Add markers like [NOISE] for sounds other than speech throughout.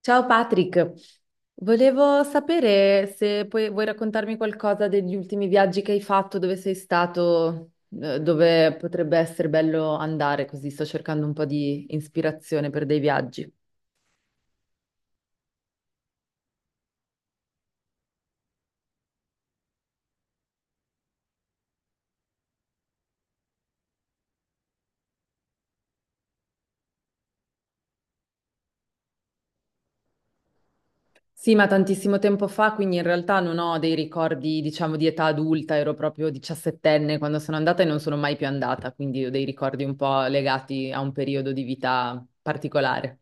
Ciao Patrick, volevo sapere se vuoi raccontarmi qualcosa degli ultimi viaggi che hai fatto, dove sei stato, dove potrebbe essere bello andare, così sto cercando un po' di ispirazione per dei viaggi. Sì, ma tantissimo tempo fa, quindi in realtà non ho dei ricordi, diciamo, di età adulta, ero proprio diciassettenne quando sono andata e non sono mai più andata, quindi ho dei ricordi un po' legati a un periodo di vita particolare.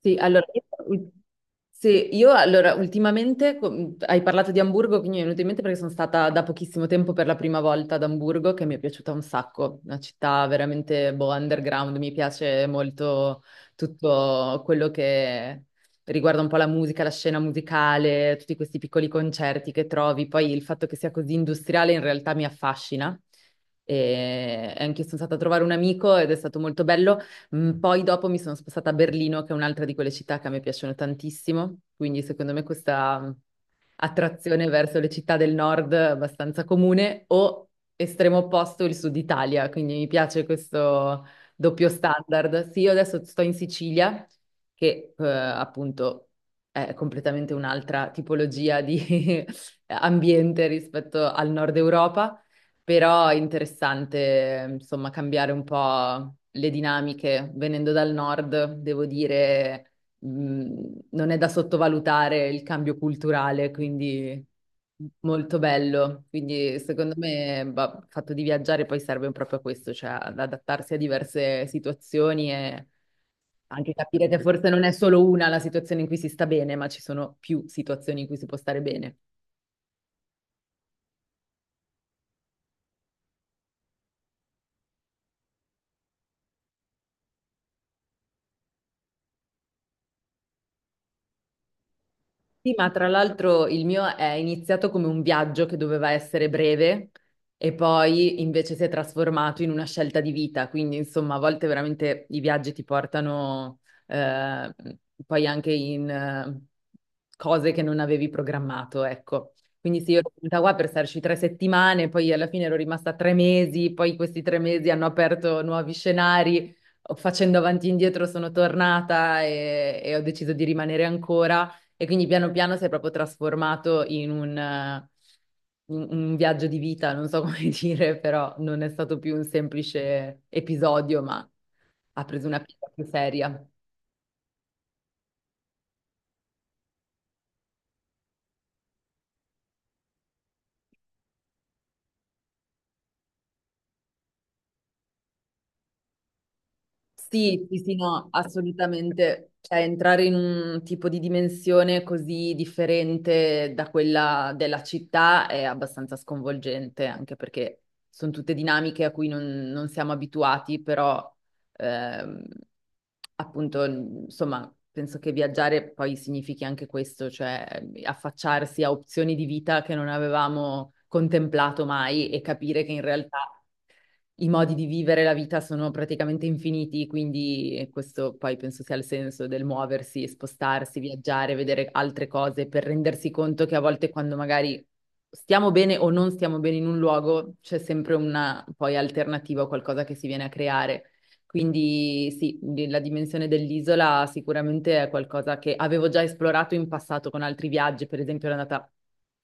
Sì, allora, io, allora, ultimamente hai parlato di Amburgo, quindi mi è venuto in mente perché sono stata da pochissimo tempo per la prima volta ad Amburgo, che mi è piaciuta un sacco, una città veramente boh, underground, mi piace molto tutto quello che riguarda un po' la musica, la scena musicale, tutti questi piccoli concerti che trovi, poi il fatto che sia così industriale in realtà mi affascina. E anche io sono stata a trovare un amico ed è stato molto bello. Poi dopo mi sono spostata a Berlino, che è un'altra di quelle città che a me piacciono tantissimo, quindi secondo me questa attrazione verso le città del nord abbastanza comune, o estremo opposto il sud Italia, quindi mi piace questo doppio standard. Sì, io adesso sto in Sicilia, che appunto è completamente un'altra tipologia di [LAUGHS] ambiente rispetto al nord Europa, però è interessante, insomma, cambiare un po' le dinamiche. Venendo dal nord, devo dire non è da sottovalutare il cambio culturale, quindi molto bello. Quindi secondo me, bah, il fatto di viaggiare poi serve proprio a questo, cioè ad adattarsi a diverse situazioni e anche capire che forse non è solo una la situazione in cui si sta bene, ma ci sono più situazioni in cui si può stare bene. Sì, ma tra l'altro il mio è iniziato come un viaggio che doveva essere breve e poi invece si è trasformato in una scelta di vita, quindi insomma a volte veramente i viaggi ti portano eh, poi anche in cose che non avevi programmato, ecco. Quindi sì, io ero venuta qua per starci tre settimane, poi alla fine ero rimasta tre mesi, poi questi tre mesi hanno aperto nuovi scenari, facendo avanti e indietro sono tornata e ho deciso di rimanere ancora. E quindi piano piano si è proprio trasformato in un viaggio di vita, non so come [LAUGHS] dire, però non è stato più un semplice episodio, ma ha preso una piega più seria. Sì, sì, sì, no, assolutamente. Cioè, entrare in un tipo di dimensione così differente da quella della città è abbastanza sconvolgente, anche perché sono tutte dinamiche a cui non siamo abituati, però ehm, appunto, insomma, penso che viaggiare poi significhi anche questo, cioè affacciarsi a opzioni di vita che non avevamo contemplato mai e capire che in realtà i modi di vivere la vita sono praticamente infiniti, quindi questo poi penso sia il senso del muoversi, spostarsi, viaggiare, vedere altre cose per rendersi conto che a volte quando magari stiamo bene o non stiamo bene in un luogo, c'è sempre una poi alternativa o qualcosa che si viene a creare. Quindi sì, la dimensione dell'isola sicuramente è qualcosa che avevo già esplorato in passato con altri viaggi, per esempio ero andata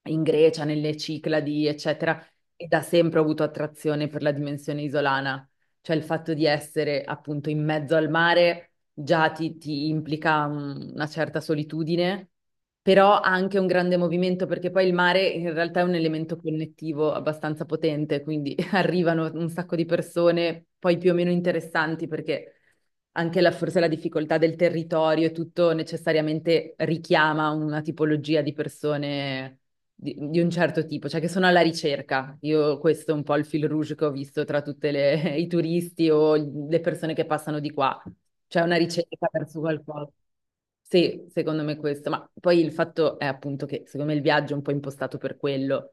in Grecia, nelle Cicladi, eccetera, e da sempre ho avuto attrazione per la dimensione isolana, cioè il fatto di essere appunto in mezzo al mare già ti implica una certa solitudine, però ha anche un grande movimento perché poi il mare in realtà è un elemento connettivo abbastanza potente, quindi [LAUGHS] arrivano un sacco di persone, poi più o meno interessanti perché anche forse la difficoltà del territorio e tutto necessariamente richiama una tipologia di persone di un certo tipo, cioè che sono alla ricerca. Io questo è un po' il fil rouge che ho visto tra tutti [LAUGHS] i turisti o le persone che passano di qua. C'è una ricerca verso qualcosa. Sì, secondo me questo, ma poi il fatto è appunto che secondo me il viaggio è un po' impostato per quello.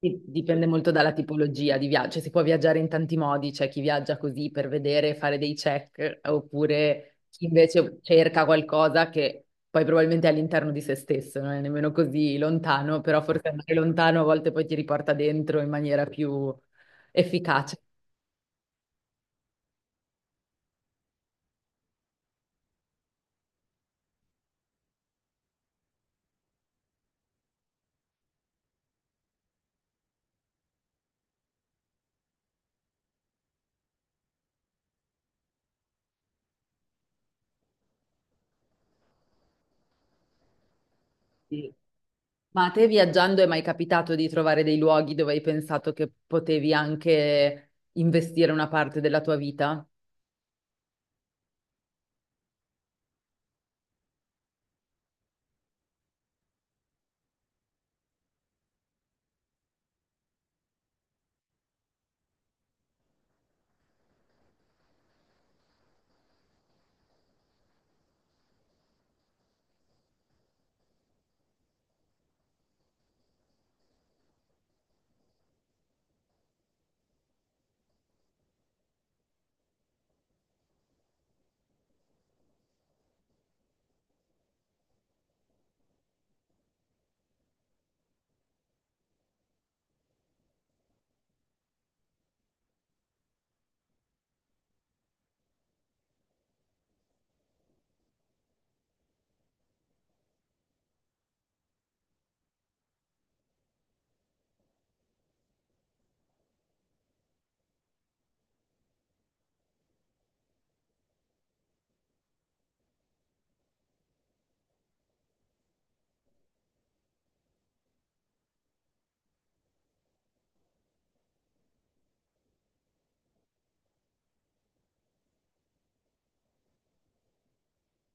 Dipende molto dalla tipologia di viaggio. Cioè, si può viaggiare in tanti modi, c'è chi viaggia così per vedere, fare dei check, oppure chi invece cerca qualcosa che poi probabilmente è all'interno di se stesso, non è nemmeno così lontano, però forse andare lontano a volte poi ti riporta dentro in maniera più efficace. Sì. Ma a te viaggiando è mai capitato di trovare dei luoghi dove hai pensato che potevi anche investire una parte della tua vita?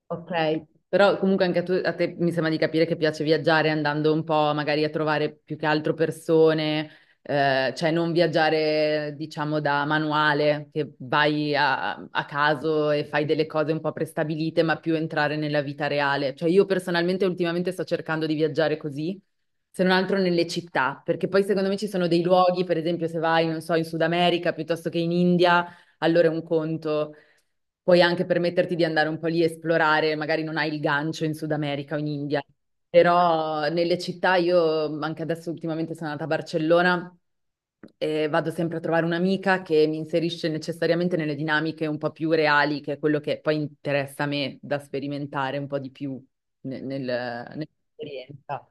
Ok, però comunque anche a te mi sembra di capire che piace viaggiare andando un po' magari a trovare più che altro persone, cioè non viaggiare diciamo da manuale, che vai a caso e fai delle cose un po' prestabilite, ma più entrare nella vita reale. Cioè io personalmente ultimamente sto cercando di viaggiare così, se non altro nelle città, perché poi secondo me ci sono dei luoghi, per esempio se vai, non so, in Sud America piuttosto che in India, allora è un conto puoi anche permetterti di andare un po' lì e esplorare, magari non hai il gancio in Sud America o in India, però nelle città io anche adesso ultimamente sono andata a Barcellona e vado sempre a trovare un'amica che mi inserisce necessariamente nelle dinamiche un po' più reali, che è quello che poi interessa a me da sperimentare un po' di più ne- nel- nell'esperienza.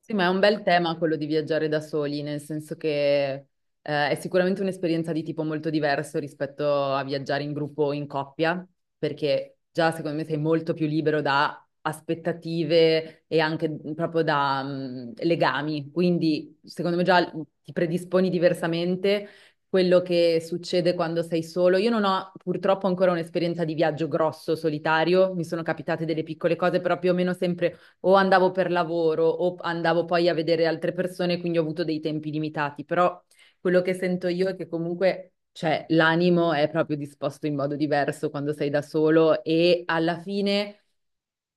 Sì, ma è un bel tema quello di viaggiare da soli, nel senso che è sicuramente un'esperienza di tipo molto diverso rispetto a viaggiare in gruppo o in coppia, perché già secondo me sei molto più libero da aspettative e anche proprio da legami, quindi secondo me già ti predisponi diversamente. Quello che succede quando sei solo. Io non ho purtroppo ancora un'esperienza di viaggio grosso, solitario, mi sono capitate delle piccole cose, però più o meno sempre o andavo per lavoro o andavo poi a vedere altre persone, quindi ho avuto dei tempi limitati, però quello che sento io è che comunque, cioè, l'animo è proprio disposto in modo diverso quando sei da solo e alla fine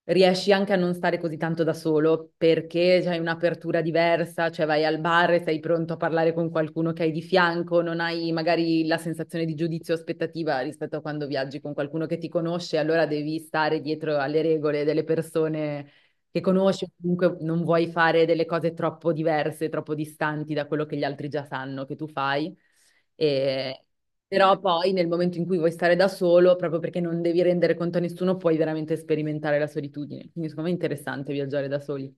riesci anche a non stare così tanto da solo perché hai un'apertura diversa, cioè vai al bar e sei pronto a parlare con qualcuno che hai di fianco, non hai magari la sensazione di giudizio o aspettativa rispetto a quando viaggi con qualcuno che ti conosce, allora devi stare dietro alle regole delle persone che conosci, o comunque non vuoi fare delle cose troppo diverse, troppo distanti da quello che gli altri già sanno che tu fai. E... Però poi nel momento in cui vuoi stare da solo, proprio perché non devi rendere conto a nessuno, puoi veramente sperimentare la solitudine. Quindi secondo me è interessante viaggiare da soli.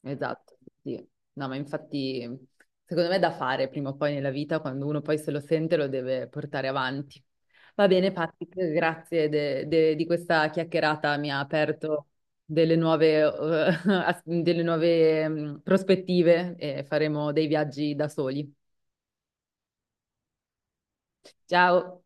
Esatto, sì. No, ma infatti secondo me è da fare prima o poi nella vita, quando uno poi se lo sente lo deve portare avanti. Va bene, Patrick, grazie di questa chiacchierata, mi ha aperto delle nuove, [LAUGHS] delle nuove prospettive e faremo dei viaggi da soli. Ciao!